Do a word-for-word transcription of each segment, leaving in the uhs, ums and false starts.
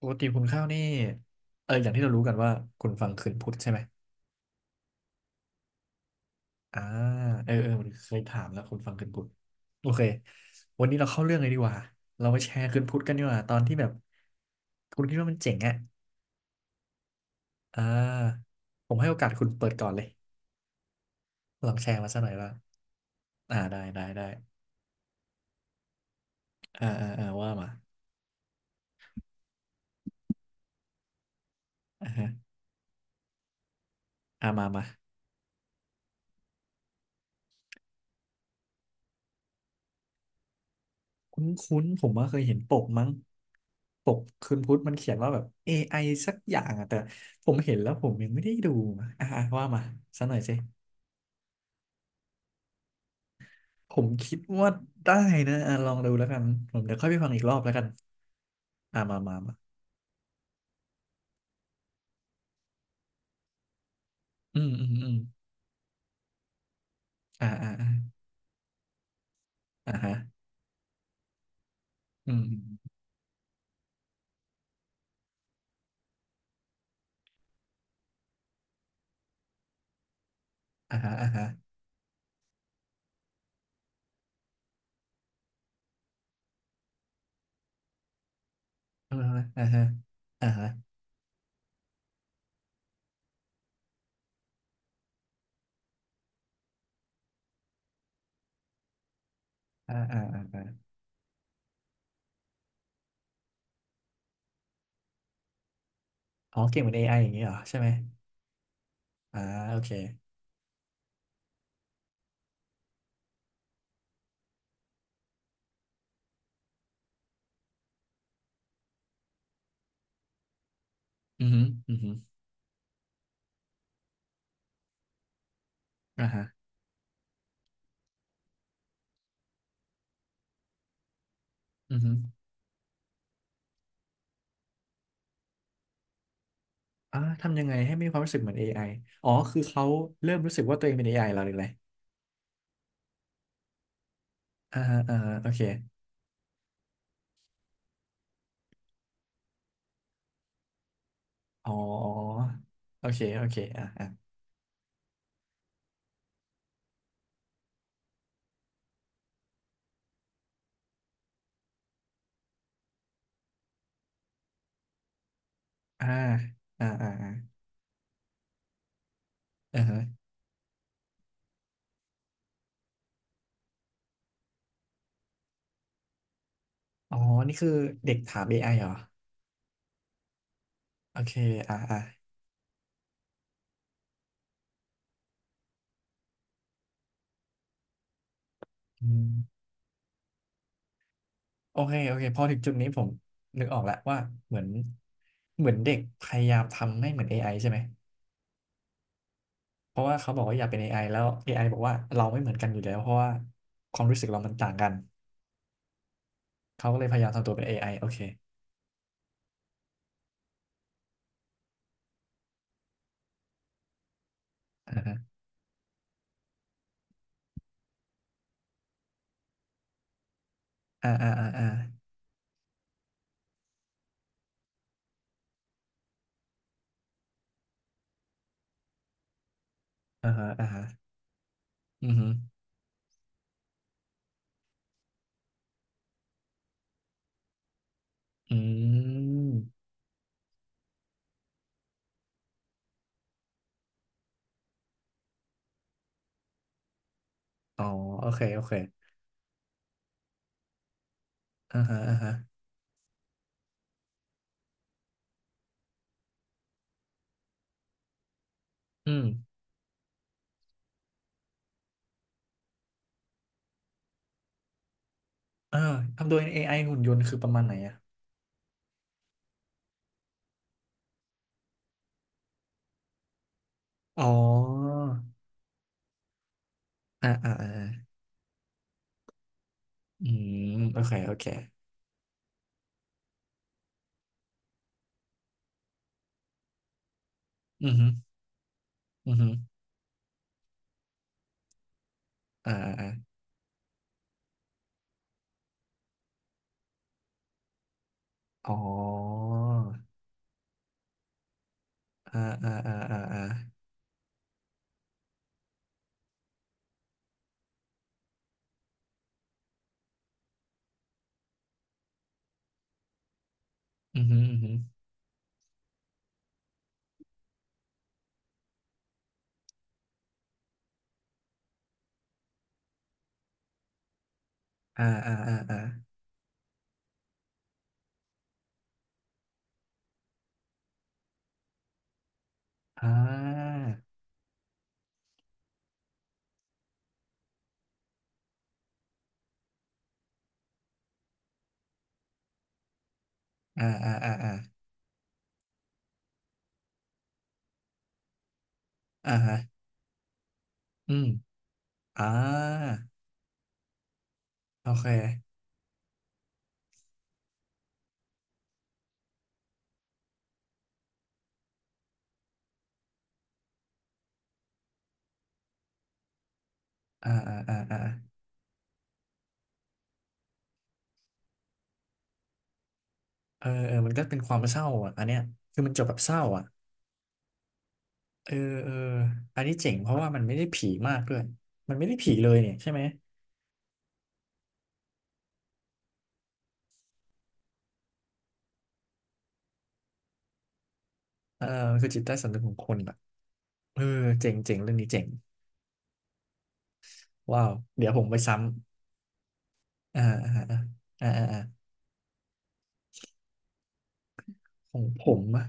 ปกติคุณข้าวนี่เอออย่างที่เรารู้กันว่าคุณฟังคืนพุทธใช่ไหมอ่าเออเออมันเคยถามแล้วคุณฟังคืนพุทธโอเควันนี้เราเข้าเรื่องเลยดีกว่าเรามาแชร์คืนพุทธกันดีกว่าตอนที่แบบคุณคิดว่ามันเจ๋งอ่ะอ่าผมให้โอกาสคุณเปิดก่อนเลยลองแชร์มาสักหน่อยว่าอ่าได้ได้ได้อ่าอ่าอ่าว่ามาอ่าฮะอ่ามามา คุ้นๆผมว่าเคยเห็นปกมั้งปกคืนพุธมันเขียนว่าแบบ เอ ไอ สักอย่างอะแต่ผมเห็นแล้วผมยังไม่ได้ดูอะอ่ะว่ามาสักหน่อยสิผมคิดว่าได้นะอ่ะลองดูแล้วกันผมเดี๋ยวค่อยไปฟังอีกรอบแล้วกันอ่ะมามามาอืมอืมอืมอ่าอ่าอ่าอ่าฮะอืมอืมอ่าฮะอ่าฮะอ่าฮะอ่าฮะอ่าฮะอ่าอ่าอ่าอ่าอ๋อเก่งเป็นเอไออย่างนี้เหรอใช่ไหมอ่าโอเคอืมอืมออือฮือ่าฮะอือฮึ อ่าทำยังไงให้ไม่มีความรู้สึกเหมือนเอไออ๋อคือเขาเริ่มรู้สึกว่าตัวเองเป็นเอไ i แล้วหรืออะไรอ่าฮะอ่าฮะโอเคอ๋อโอเคโอเคอ่าอ่าอ่าอ่าอ่าอ่าอ่าฮะอ๋อนี่คือเด็กถาม เอ ไอ เหรอโอเคอ่าอ่าอืมโอเคโอเคพอถึงจุดนี้ผมนึกออกแล้วว่าเหมือนเหมือนเด็กพยายามทำให้เหมือนเอไอใช่ไหมเพราะว่าเขาบอกว่าอยากเป็นเอไอแล้วเอไอบอกว่าเราไม่เหมือนกันอยู่แล้วเพราะว่าความรู้สึกเรามันต่างกันเขาก็เลยพยายามทำตัวเป็นเอไอโอเค อ่าอ่าอ่าอ่าอ่าฮะอ่าฮะอือฮึอืมอ๋อโอเคโอเคอ่าฮะอ่าฮะอืมอ่าทำโดย a อไอหุ่นยนต์คือประมาณไหนอ่ะอ๋ออ่าอ่าอ่าอาอืมโอเคโอเคอือฮึอือฮึออ่าอ่าอ๋ออ่าอ่าอ่าอ่าอ่าอือฮึอือฮึอ่าอ่าอ่าอ่าอ่าอ่าอ่าอ่าอ่าอ่าฮะอืมอ่าโอเคอ่าอ่าอ่าอ่า เออเออมันก็เป็นความเศร้าอ่ะอันเนี้ยคือมันจบแบบเศร้าอ่ะเออเอออันนี้เจ๋งเพราะว่ามันไม่ได้ผีมากด้วยมันไม่ได้ผีเลยเนี่ยใช่ไหมเออมันคือจิตใต้สำนึกของคนอ่ะเออเจ๋งเจ๋งเรื่องนี้เจ๋งว้าว เดี๋ยวผมไปซ้ำอ่าอ่าอ่าอ่าอ่าของผมอะ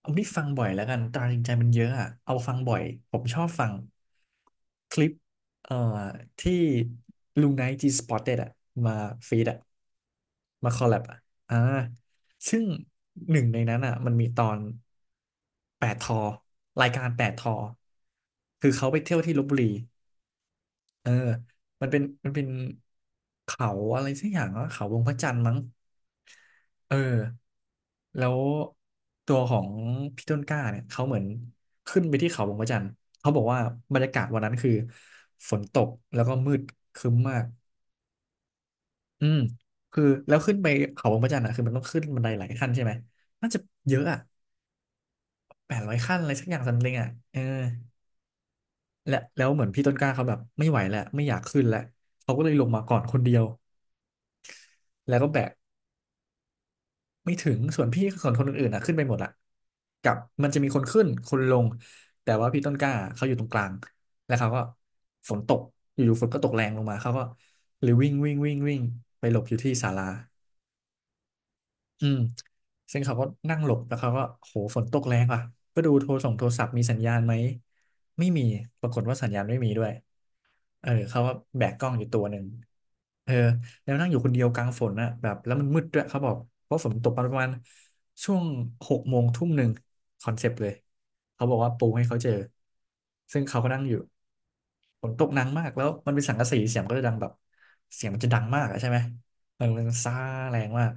เอาที่ฟังบ่อยแล้วกันตราตรึงใจมันเยอะอะ เอาฟังบ่อย ผมชอบฟังคลิปเอ่อที่ลุงไนท์จีสปอตเต็ดอะมาฟีดอะมาคอลแลบอะอ่าซึ่งหนึ่งในนั้นอะมันมีตอนแปดทอ รายการแปดทอ คือเขาไปเที่ยวที่ลพบุรีเออมันเป็นมันเป็นเขาอะไรสักอย่างวะเขาวงพระจันทร์มั้ง เออแล้วตัวของพี่ต้นกล้าเนี่ยเขาเหมือนขึ้นไปที่เขาบงพระจันทร์เขาบอกว่าบรรยากาศวันนั้นคือฝนตกแล้วก็มืดครึ้มมากอืมคือแล้วขึ้นไปเขาบงพระจันทร์อ่ะคือมันต้องขึ้นบันไดหลายขั้นใช่ไหมน่าจะเยอะอ่ะแปดร้อยขั้นอะไรสักอย่างซัมติงอ่ะเออและแล้วเหมือนพี่ต้นกล้าเขาแบบไม่ไหวแล้วไม่อยากขึ้นแล้วเขาก็เลยลงมาก่อนคนเดียวแล้วก็แบก ไม่ถึงส่วนพี่ส่วนคนอื่นๆอ่ะขึ้นไปหมดละกับมันจะมีคนขึ้นคนลงแต่ว่าพี่ต้นกล้าเขาอยู่ตรงกลางแล้วเขาก็ฝนตกอยู่ๆฝนก็ตกแรงลงมาเขาก็หรือวิ่งวิ่งวิ่งวิ่งไปหลบอยู่ที่ศาลาอืมซึ่งเขาก็นั่งหลบแล้วเขาก็โหฝนตกแรงว่ะก็ดูโทรส่งโทรศัพท์มีสัญญาณไหมไม่มีปรากฏว่าสัญญาณไม่มีด้วย เออเขาว่าแบกกล้องอยู่ตัวหนึ่งเออแล้วนั่งอยู่คนเดียวกลางฝนอ่ะแบบแล้วมันมืดด้วยเขาบอกเพราะฝนตกประมาณช่วงหกโมงทุ่มหนึ่งคอนเซปต์เลยเขาบอกว่าปูให้เขาเจอซึ่งเขาก็นั่งอยู่ฝนตกหนักมากแล้วมันเป็นสังกะสีเสียงมันก็จะดังแบบเสียงมันจะดังมากอะใช่ไหมเออมันซ่าแรงมาก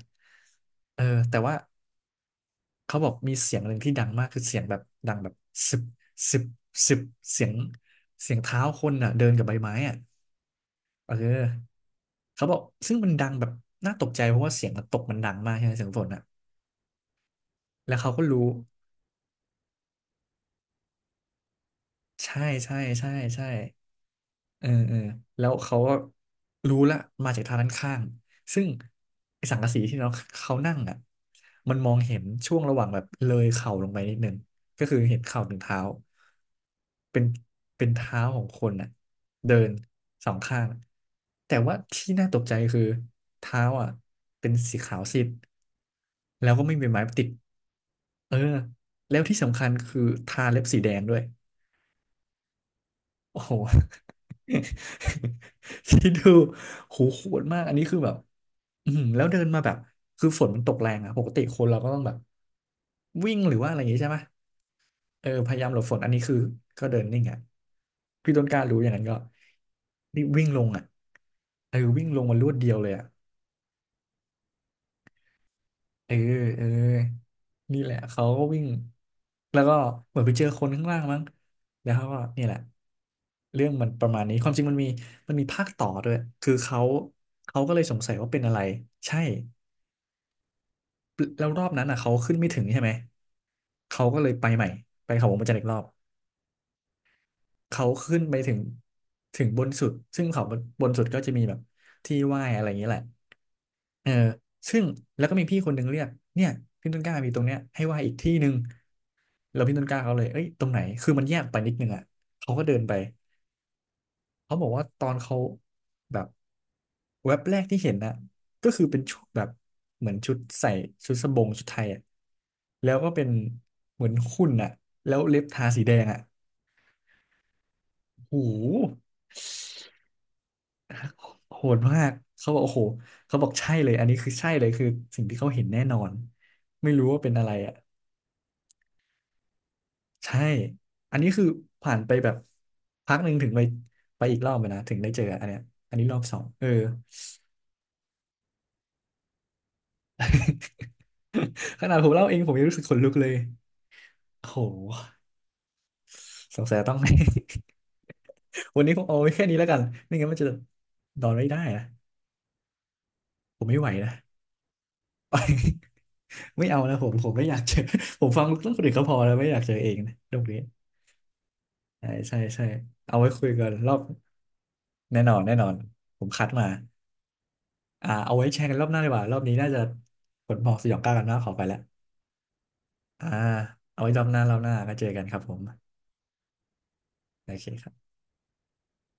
เออแต่ว่าเขาบอกมีเสียงหนึ่งที่ดังมากคือเสียงแบบดังแบบสิบสิบสิบเสียงเสียงเท้าคนอ่ะเดินกับใบไม้อ่ะ เออเขาบอกซึ่งมันดังแบบน่าตกใจเพราะว่าเสียงมันตกมันดังมากใช่ไหมเสียงฝนอ่ะแล้วเขาก็รู้ใช่ใช่ใช่ใช่ เออเออแล้วเขาก็รู้ละมาจากทางด้านข้างซึ่งไอ้สังกะสีที่เราเขานั่งอ่ะมันมองเห็นช่วงระหว่างแบบเลยเข่าลงไปนิดนึงก็คือเห็นเข่าถึงเท้าเป็นเป็นเท้าของคนอ่ะเดินสองข้างแต่ว่าที่น่าตกใจคือเท้าอ่ะเป็นสีขาวซีดแล้วก็ไม่มีไม้ติดเออแล้วที่สำคัญคือทาเล็บสีแดงด้วยโอ้โห คิดดูโหโหดมากอันนี้คือแบบอืมแล้วเดินมาแบบคือฝนมันตกแรงอะปกติคนเราก็ต้องแบบวิ่งหรือว่าอะไรอย่างงี้ใช่ไหมเออพยายามหลบฝนอันนี้คือก็เดินนิ่งอะพี่ต้นกล้ารู้อย่างนั้นก็รีบวิ่งลงอะเออวิ่งลงมารวดเดียวเลยอะ เออเออนี่แหละเขาก็วิ่งแล้วก็เหมือนไปเจอคนข้างล่างมั้งแล้วเขาก็นี่แหละเรื่องมันประมาณนี้ความจริงมันมีมันมีภาคต่อด้วยคือเขาเขาก็เลยสงสัยว่าเป็นอะไรใช่แล้วรอบนั้นอ่ะเขาขึ้นไม่ถึงใช่ไหมเขาก็เลยไปใหม่ไปเขาวงพระจันทร์อีกรอบเขาขึ้นไปถึงถึงบนสุดซึ่งเขาบนบนสุดก็จะมีแบบที่ไหว้อะไรอย่างนี้แหละเออซึ่งแล้วก็มีพี่คนหนึ่งเรียกเนี่ยพี่ต้นกล้ามีตรงเนี้ยให้ไหว้อีกที่หนึ่ง แล้วพี่ต้นกล้าเขาเลยเอ้ยตรงไหนคือมันแยกไปนิดนึงอ่ะเขาก็เดินไปเขาบอกว่าตอนเขาแบบแว็บแรกที่เห็นน่ะก็คือเป็นชุดแบบเหมือนชุดใส่ชุดสบงชุดไทยอ่ะแล้วก็เป็นเหมือนหุ่นอ่ะแล้วเล็บทาสีแดงอ่ะโอหโหดมากเขาบอกโอ้โหเขาบอกใช่เลยอันนี้คือใช่เลยคือสิ่งที่เขาเห็นแน่นอน ไม่รู้ว่าเป็นอะไรอ่ะ ใช่ อันนี้คือผ่านไปแบบพักหนึ่งถึงไปไปอีกรอบอะนะถึงได้เจออันเนี้ยอันนี้รอบสองเออ ขนาดผมเล่าเองผมยังรู้สึกขนลุกเลยโอ้โหสงสัยต้อง วันนี้คงเอาไว้แค่นี้แล้วกันไม่งั้นมันจะนอนไม่ได้นะผมไม่ไหวนะ ไม่เอานะผมผมไม่อยากเจอ ผมฟังเรื่องคนอื่นก็พอแล้วไม่อยากเจอเองนะตรงนี้ใช่ใช่ใช่เอาไว้คุยกันรอบแน่นอนแน่นอนผมคัดมาอ่าเอาไว้แชร์กันรอบหน้าดีกว่ารอบนี้น่าจะผลบอกสยองกล้ากันมากขอไปแล้ว อ่าเอาไว้รอบหน้ารอบหน้าก็เจอกันครับผมโอเคครับ